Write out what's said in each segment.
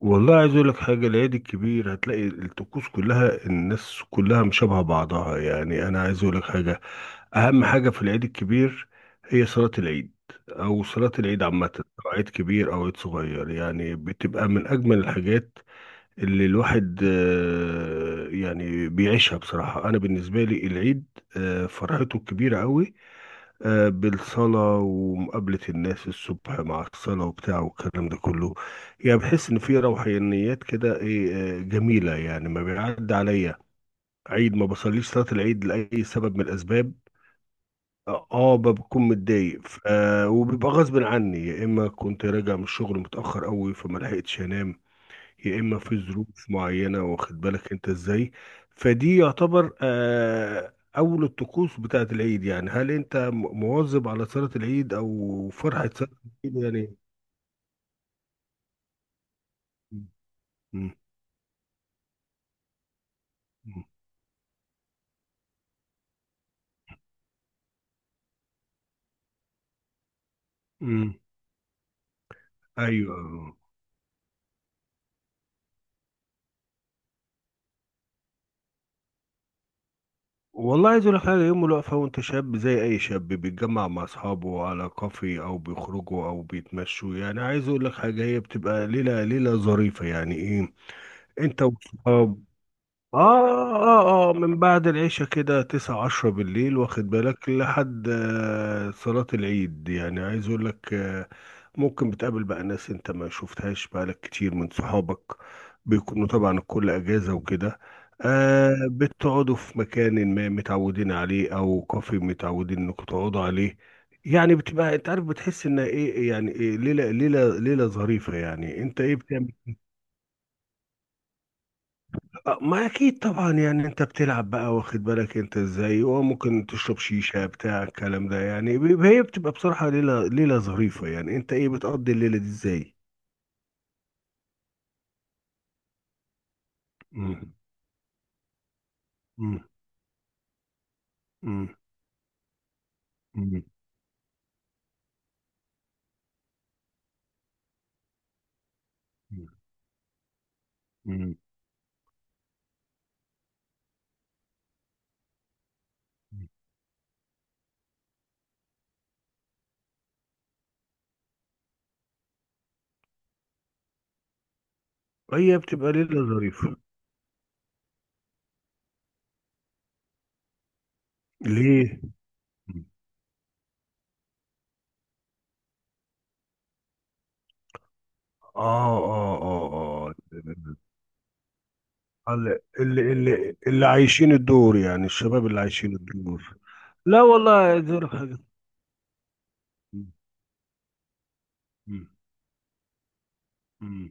والله عايز اقول لك حاجه. العيد الكبير هتلاقي الطقوس كلها الناس كلها مشابهه بعضها، يعني انا عايز اقول لك حاجه، اهم حاجه في العيد الكبير هي صلاه العيد، او صلاه العيد عامه، سواء عيد كبير او عيد صغير. يعني بتبقى من اجمل الحاجات اللي الواحد يعني بيعيشها. بصراحه انا بالنسبه لي العيد فرحته كبيره قوي، بالصلاة ومقابلة الناس الصبح مع الصلاة وبتاع والكلام ده كله. يعني بحس إن في روحانيات كده، إيه، جميلة، يعني ما بيعدي عليا عيد ما بصليش صلاة العيد لأي سبب من الأسباب. آه آه، بكون متضايق، وبيبقى غصب عني، يا إما كنت راجع من الشغل متأخر أوي فما لحقتش أنام، يا اما في ظروف معينه، واخد بالك انت ازاي. فدي يعتبر اول الطقوس بتاعت العيد. يعني هل انت مواظب على صلاه العيد او فرحه صلاه العيد؟ يعني مم. مم. مم. ايوه. والله عايز اقول لك حاجه، يوم الوقفه وانت شاب زي اي شاب، بيتجمع مع اصحابه على كافي او بيخرجوا او بيتمشوا. يعني عايز اقول لك حاجه، هي بتبقى ليله ليله ظريفه. يعني ايه؟ انت واصحابك اه من بعد العشاء كده، تسعة عشرة بالليل واخد بالك، لحد صلاة العيد. يعني عايز اقول لك ممكن بتقابل بقى ناس انت ما شفتهاش بقالك كتير من صحابك، بيكونوا طبعا الكل اجازة وكده. آه، بتقعدوا في مكان ما متعودين عليه او كافي متعودين انكم تقعدوا عليه. يعني بتبقى، انت عارف، بتحس انها ايه، يعني إيه، ليلة ظريفة. يعني انت ايه بتعمل؟ آه، ما اكيد طبعا. يعني انت بتلعب بقى، واخد بالك انت ازاي، وممكن تشرب شيشة بتاع الكلام ده. يعني هي بتبقى بصراحة ليلة ليلة ظريفة. يعني انت ايه بتقضي الليلة دي ازاي؟ مم. مم. مم. مم. مم. مم. هي بتبقى ليلة ظريفة. ليه؟ مم. اه اللي عايشين الدور، يعني الشباب اللي عايشين الدور. لا والله دور حاجة. مم. مم.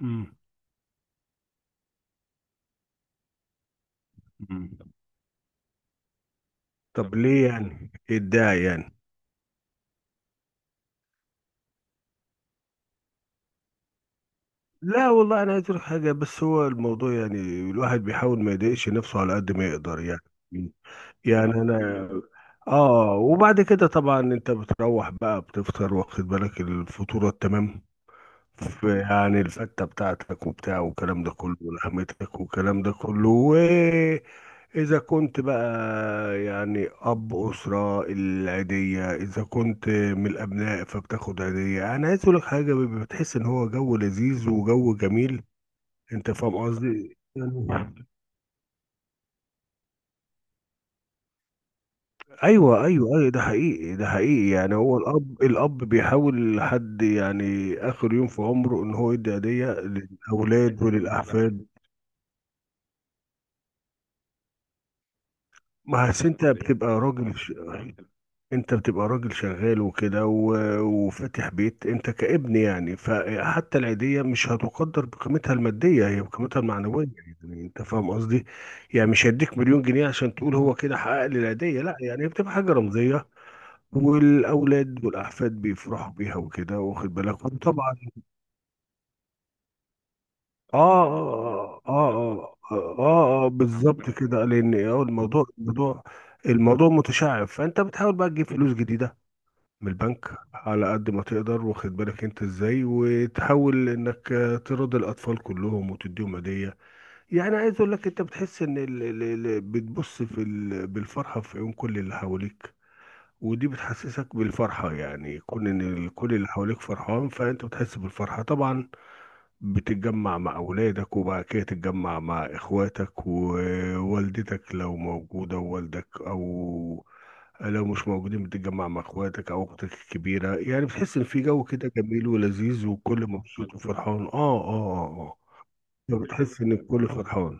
مم. مم. طب ليه يعني اتضايق يعني؟ لا والله انا عايز أقول حاجه، بس هو الموضوع يعني، الواحد بيحاول ما يضايقش نفسه على قد ما يقدر يعني. يعني انا اه. وبعد كده طبعا انت بتروح بقى بتفطر، واخد بالك، الفطوره التمام، في يعني الفته بتاعتك وبتاع والكلام ده كله، ولحمتك والكلام ده كله. إذا كنت بقى يعني أب أسرة، العيدية إذا كنت من الأبناء فبتاخد عيدية. أنا عايز أقولك حاجة، بيبقى بتحس إن هو جو لذيذ وجو جميل. أنت فاهم قصدي؟ يعني أيوه أيوه أيوه، ده حقيقي ده حقيقي. يعني هو الأب، الأب بيحاول لحد يعني آخر يوم في عمره إن هو يدي هدية للأولاد وللأحفاد. ما أصل أنت بتبقى راجل، انت بتبقى راجل شغال وكده، وفاتح بيت انت كابن، يعني فحتى العيدية مش هتقدر بقيمتها المادية، هي بقيمتها المعنوية. يعني انت فاهم قصدي، يعني مش هيديك مليون جنيه عشان تقول هو كده حقق لي العيدية، لا، يعني هي بتبقى حاجة رمزية. والاولاد والاحفاد بيفرحوا بيها وكده، واخد بالك، وطبعا آه، بالظبط كده. لان الموضوع، الموضوع، الموضوع متشعب، فانت بتحاول بقى تجيب فلوس جديدة من البنك على قد ما تقدر، واخد بالك انت ازاي، وتحاول انك ترضي الاطفال كلهم وتديهم هديه. يعني عايز اقول لك، انت بتحس ان ال ال ال بتبص في ال بالفرحه في عيون كل اللي حواليك. ودي بتحسسك بالفرحه، يعني كون ان كل اللي حواليك فرحان، فانت بتحس بالفرحه طبعا. بتتجمع مع أولادك، وبعد كده تتجمع مع إخواتك ووالدتك لو موجودة ووالدك، أو لو مش موجودين بتتجمع مع إخواتك أو أختك الكبيرة. يعني بتحس إن في جو كده جميل ولذيذ، والكل مبسوط وفرحان. آه، بتحس إن الكل فرحان.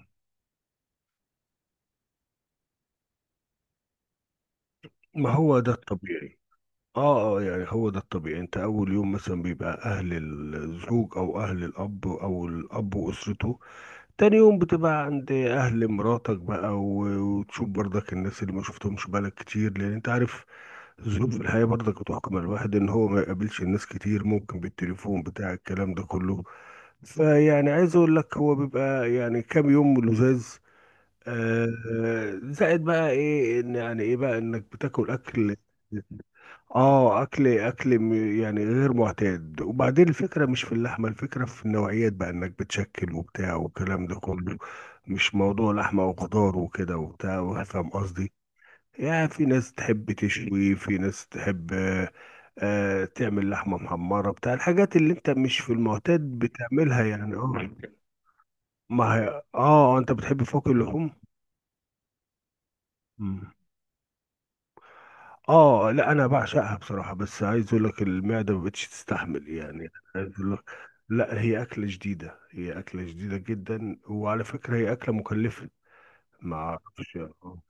ما هو ده الطبيعي. يعني هو ده الطبيعي. أنت أول يوم مثلا بيبقى أهل الزوج أو أهل الأب أو الأب وأسرته. تاني يوم بتبقى عند أهل مراتك بقى، وتشوف برضك الناس اللي ما شفتهمش بقالك كتير، لأن أنت عارف ظروف الحياة برضك بتحكم على الواحد إن هو ما يقابلش الناس كتير، ممكن بالتليفون بتاع الكلام ده كله. فيعني عايز أقول لك، هو بيبقى يعني كام يوم لزاز، آه، زائد بقى إيه، إن يعني إيه بقى، إنك بتاكل أكل اه، يعني غير معتاد. وبعدين الفكره مش في اللحمه، الفكره في النوعيات بقى، انك بتشكل وبتاع والكلام ده كله. مش موضوع لحمه وخضار وكده وبتاع، فاهم قصدي؟ يعني في ناس تحب تشوي، في ناس تحب تعمل لحمه محمره بتاع، الحاجات اللي انت مش في المعتاد بتعملها يعني. اه، ما هي اه، انت بتحب فوق اللحوم. اه لا انا بعشقها بصراحه، بس عايز اقول لك المعده ما بقتش تستحمل، يعني عايز اقول لك، لا هي اكله جديده، هي اكله جديده جدا، وعلى فكره هي اكله مكلفه. ما اعرفش اه.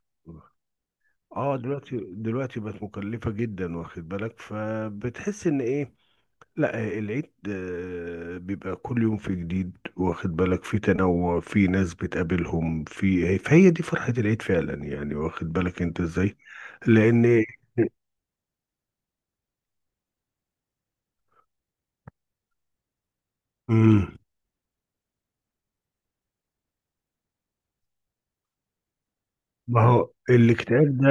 دلوقتي بقت مكلفه جدا، واخد بالك، فبتحس ان ايه. لا العيد بيبقى كل يوم في جديد، واخد بالك، في تنوع، في ناس بتقابلهم، في فهي دي فرحه العيد فعلا، يعني واخد بالك انت ازاي. لان ما هو الاكتئاب ده.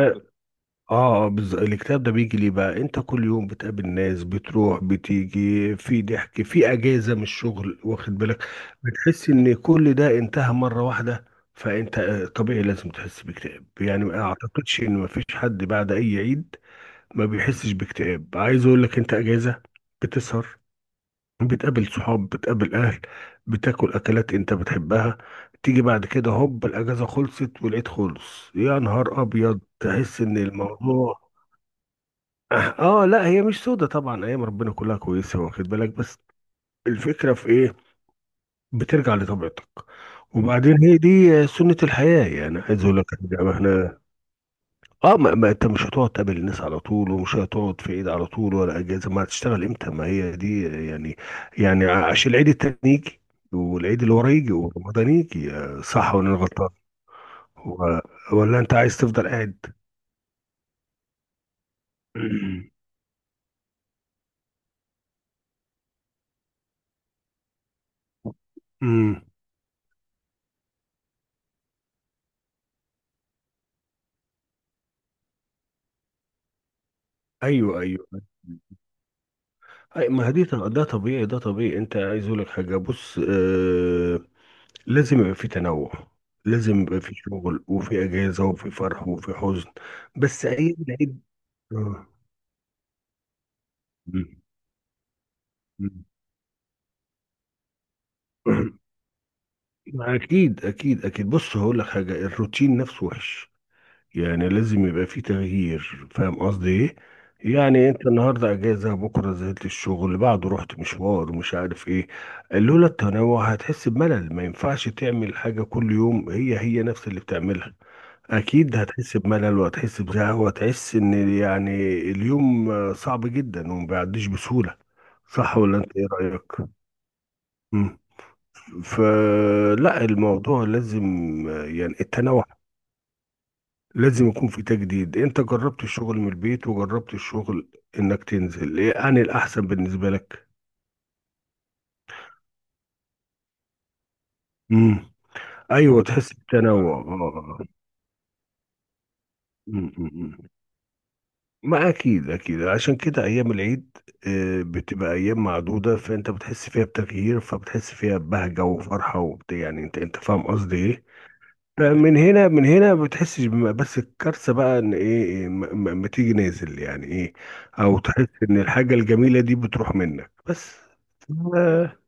اه، بالظبط. الاكتئاب ده بيجي ليه بقى؟ انت كل يوم بتقابل ناس، بتروح بتيجي، في ضحك، في اجازه من الشغل، واخد بالك، بتحس ان كل ده انتهى مره واحده. فانت طبيعي لازم تحس باكتئاب. يعني ما اعتقدش ان ما فيش حد بعد اي عيد ما بيحسش باكتئاب. عايز اقول لك، انت اجازه، بتسهر، بتقابل صحاب، بتقابل اهل، بتاكل اكلات انت بتحبها. تيجي بعد كده هوب، الاجازه خلصت والعيد خلص، يا نهار ابيض، تحس ان الموضوع اه لا، هي مش سودة طبعا، ايام ربنا كلها كويسه، واخد بالك. بس الفكره في ايه، بترجع لطبيعتك. وبعدين هي دي سنه الحياه. يعني عايز اقول لك إن إحنا اه ما انت مش هتقعد تقابل الناس على طول، ومش هتقعد في عيد على طول ولا اجازه، ما هتشتغل امتى؟ ما هي دي يعني، يعني عشان العيد التاني يجي، والعيد اللي وراه يجي، ورمضان يجي، صح ولا انا غلطان؟ و- ولا انت عايز تفضل قاعد؟ امم، ايوه ايوه. أي، ما هي دي ده طبيعي، ده طبيعي. انت عايز اقول لك حاجه، بص لازم يبقى في تنوع. لازم يبقى في شغل وفي اجازه وفي فرح وفي حزن. بس ايام العيد، آه. مم. ما اكيد اكيد اكيد. بص هقول لك حاجه، الروتين نفسه وحش. يعني لازم يبقى فيه تغيير، فاهم قصدي ايه؟ يعني انت النهارده اجازه، بكره نزلت الشغل، بعده رحت مشوار مش عارف ايه. لولا التنوع هتحس بملل. ما ينفعش تعمل حاجه كل يوم هي هي نفس اللي بتعملها، اكيد هتحس بملل، وهتحس بزهق، وهتحس ان يعني اليوم صعب جدا وما بيعديش بسهوله. صح ولا انت ايه رايك؟ فلا، الموضوع لازم يعني التنوع. لازم يكون في تجديد. انت جربت الشغل من البيت، وجربت الشغل انك تنزل، ايه عن الاحسن بالنسبة لك؟ امم، ايوه، تحس بتنوع آه. م. ما اكيد اكيد، عشان كده ايام العيد بتبقى ايام معدودة، فانت بتحس فيها بتغيير، فبتحس فيها ببهجة وفرحة وبتاع. يعني انت انت فاهم قصدي ايه؟ فمن هنا، من هنا، ما بتحسش بس الكارثه بقى ان ايه، إيه، ما تيجي نازل. يعني ايه، او تحس ان الحاجه الجميله دي بتروح منك بس. آه،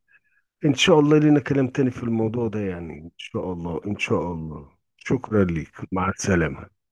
ان شاء الله لينا كلام تاني في الموضوع ده، يعني ان شاء الله ان شاء الله. شكرا ليك، مع السلامه.